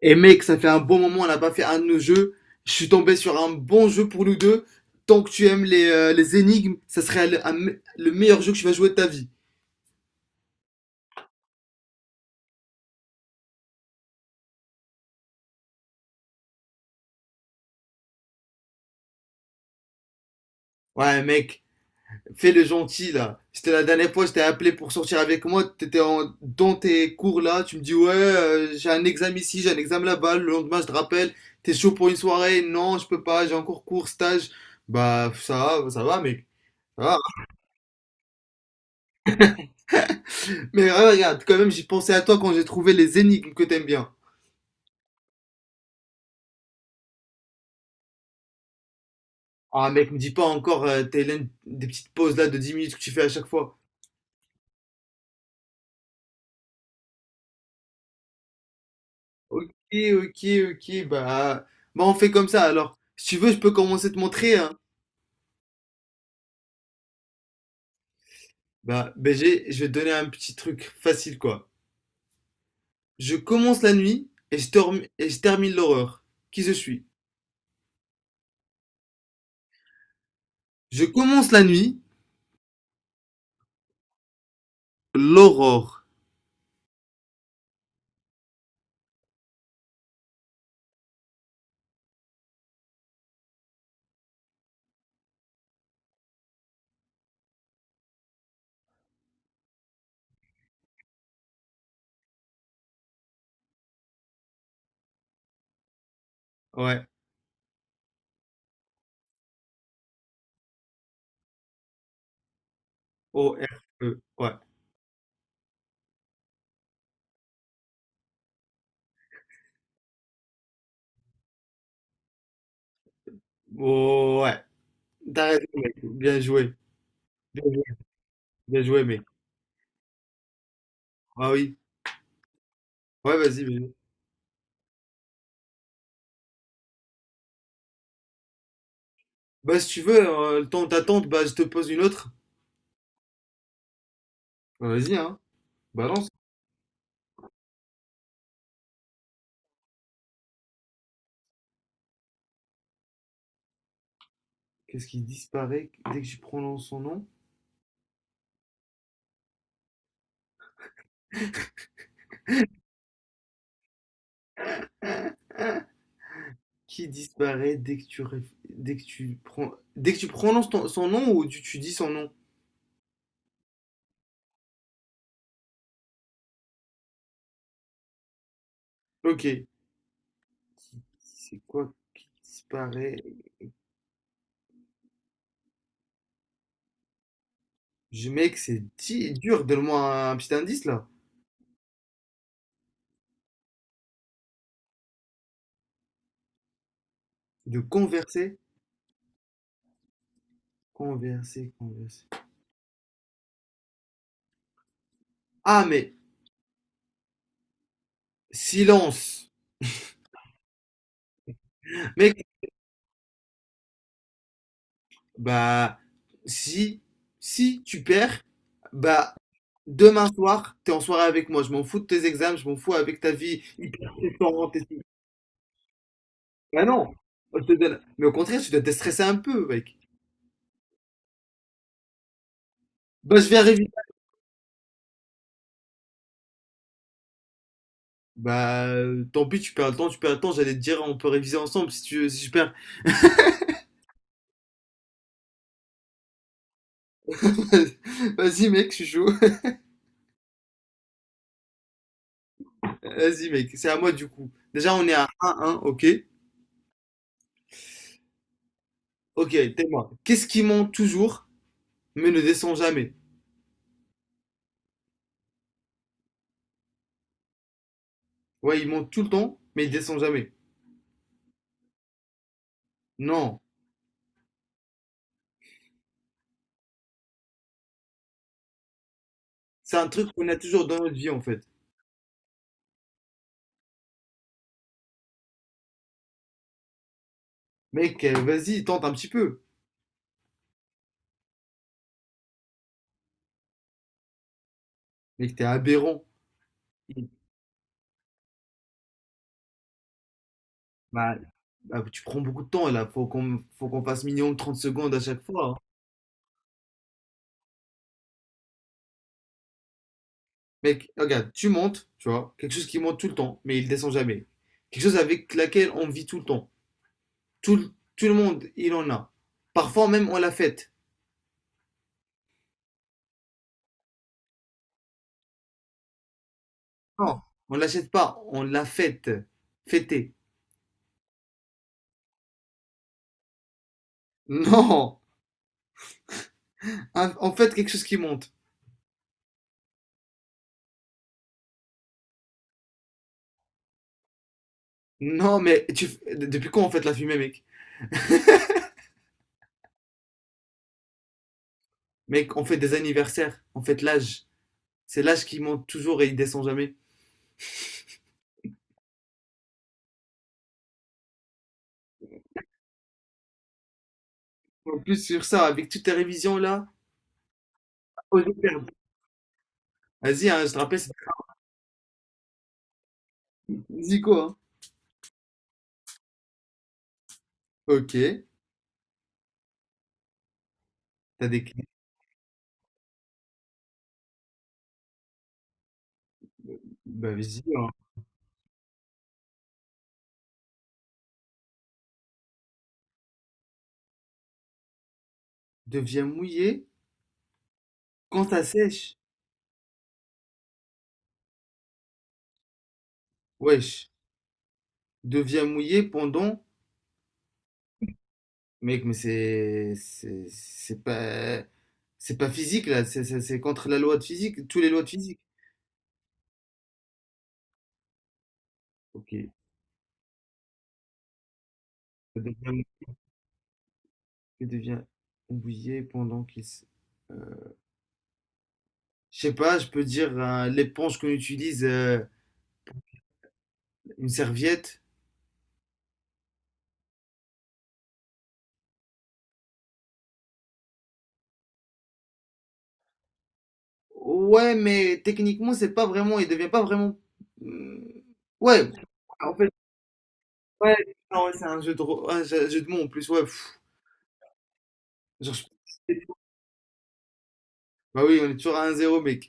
Et mec, ça fait un bon moment, on n'a pas fait un de nos jeux. Je suis tombé sur un bon jeu pour nous deux. Tant que tu aimes les énigmes, ça serait le meilleur jeu que tu vas jouer de ta vie. Ouais, mec, fais le gentil là. C'était la dernière fois, je t'ai appelé pour sortir avec moi. T'étais dans tes cours là. Tu me dis, ouais, j'ai un examen ici, j'ai un examen là-bas. Le lendemain, je te rappelle. T'es chaud pour une soirée? Non, je peux pas, j'ai encore cours, stage. Bah, ça va, mec. Ça va. Mais regarde, quand même, j'ai pensé à toi quand j'ai trouvé les énigmes que t'aimes bien. Ah mec, me dis pas encore, Thaïlande, des petites pauses là de 10 minutes que tu fais à chaque fois. Ok, ok, ok, bah, bah on fait comme ça alors. Si tu veux, je peux commencer à te montrer, hein. Bah, BG, je vais te donner un petit truc facile quoi. Je commence la nuit et et je termine l'aurore. Qui je suis? Je commence la nuit, l'aurore. Ouais, O-R-E, ouais. Oh, ouais, t'as raison mec, bien joué. Bien joué, bien joué mec. Ah oui, ouais, vas-y, vas-y. Bah si tu veux, le temps d'attente, bah je te pose une autre. Bah, vas-y, hein, balance. Qu'est-ce qui disparaît dès que tu prononces son nom? Qui disparaît dès que tu, dès que tu, dès que tu prononces son nom ou tu dis son nom? Ok. C'est quoi qui disparaît? Je, mec, c'est dur. Donne-moi un, petit indice là. De converser. Converser, converser. Ah, mais silence! Mec, bah, si, si tu perds, bah, demain soir, t'es en soirée avec moi. Je m'en fous de tes examens, je m'en fous avec ta vie hyper stressante. Et bah non, je te donne. Mais au contraire, tu dois te stresser un peu, mec. Bah, je vais réviser. Bah, tant pis, tu perds le temps, tu perds le temps. J'allais te dire, on peut réviser ensemble si tu, veux, si je perds. Vas-y, mec, je suis chaud. Vas-y, mec, c'est à moi du coup. Déjà, on est à un, ok? Ok, t'es moi. Qu'est-ce qui monte toujours, mais ne descend jamais? Ouais, il monte tout le temps, mais il descend jamais. Non, c'est un truc qu'on a toujours dans notre vie en fait. Mec, vas-y, tente un petit peu. Mec, t'es aberrant. Bah, bah, tu prends beaucoup de temps là, faut qu'on passe minimum 30 secondes à chaque fois, hein. Mec, regarde, tu montes, tu vois, quelque chose qui monte tout le temps, mais il descend jamais. Quelque chose avec laquelle on vit tout le temps. Tout, le- tout le monde, il en a. Parfois même, on la fête. Non, on l'achète pas, on la fête. Fêter. Non, on fête quelque chose qui monte. Non, mais tu, depuis quand on fête la fumée, mec? Mec, on fait des anniversaires, on fête l'âge. C'est l'âge qui monte toujours et il descend jamais. En plus, sur ça, avec toutes tes révisions là, oh, je vais perdre. Vas-y, hein, je te rappelle, c'est Zico, hein. Ok, t'as des clés. Bah vas-y, hein. Deviens mouillé quand ça sèche. Wesh, deviens mouillé pendant. Mec, mais c'est. C'est pas. C'est pas physique là, c'est contre la loi de physique, toutes les lois de physique. Ok, ça devient, ça devient mouillé pendant qu'il. Euh, Je sais pas, je peux dire l'éponge qu'on utilise, une serviette. Ouais, mais techniquement, c'est pas vraiment, il devient pas vraiment. Hmm, ouais, en fait, ouais, non, ouais, c'est un jeu de, un jeu de mots en plus, ouais. Pff. Genre, je- Bah oui, on est toujours à un zéro, mec.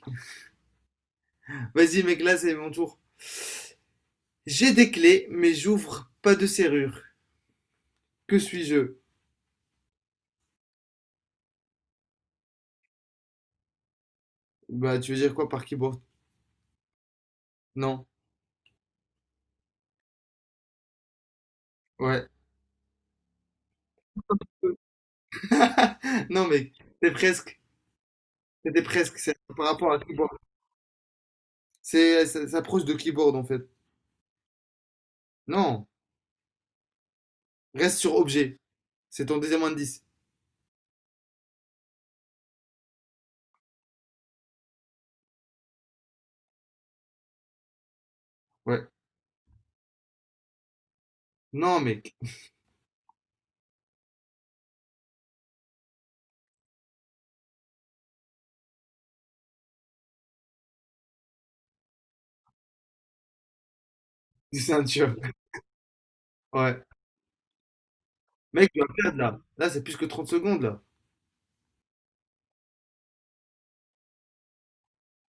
Vas-y, mec, là, c'est mon tour. J'ai des clés, mais j'ouvre pas de serrure. Que suis-je? Bah, tu veux dire quoi par keyboard? Non, ouais. Non, mec, c'est presque. C'était presque, c'est par rapport à keyboard. C'est, ça s'approche de keyboard en fait. Non. Reste sur objet. C'est ton deuxième indice. Ouais. Non, mec. C'est un tueur. Ouais. Mec, tu vas perdre là. Là, c'est plus que 30 secondes là.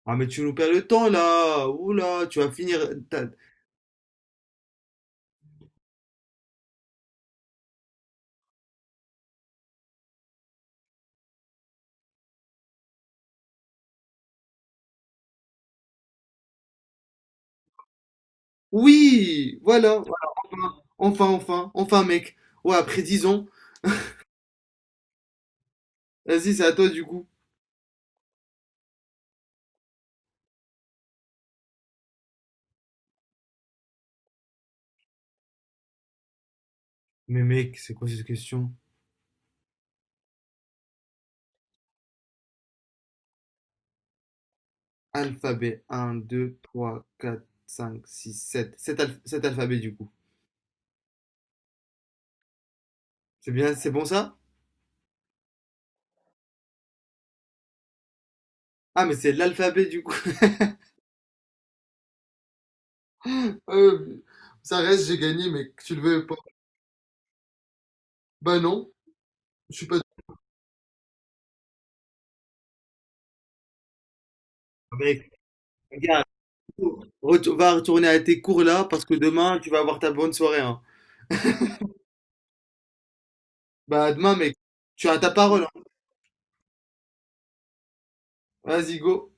Ah, mais tu nous perds le temps là. Oula, tu vas finir. ta- Oui, voilà. Voilà, enfin, enfin, enfin, enfin, mec. Ouais, après 10 ans. Vas-y, c'est à toi du coup. Mais mec, c'est quoi cette question? Alphabet 1, 2, 3, 4, 5, 6, sept, 7 alphabets du coup. C'est bien, c'est bon ça? Ah, mais c'est l'alphabet du coup. Euh, ça reste, j'ai gagné, mais que tu le veux pas. Bah non, je suis pas. Mais regarde, va retourner à tes cours là parce que demain tu vas avoir ta bonne soirée, hein. Bah demain, mec, tu as ta parole, hein. Vas-y, go.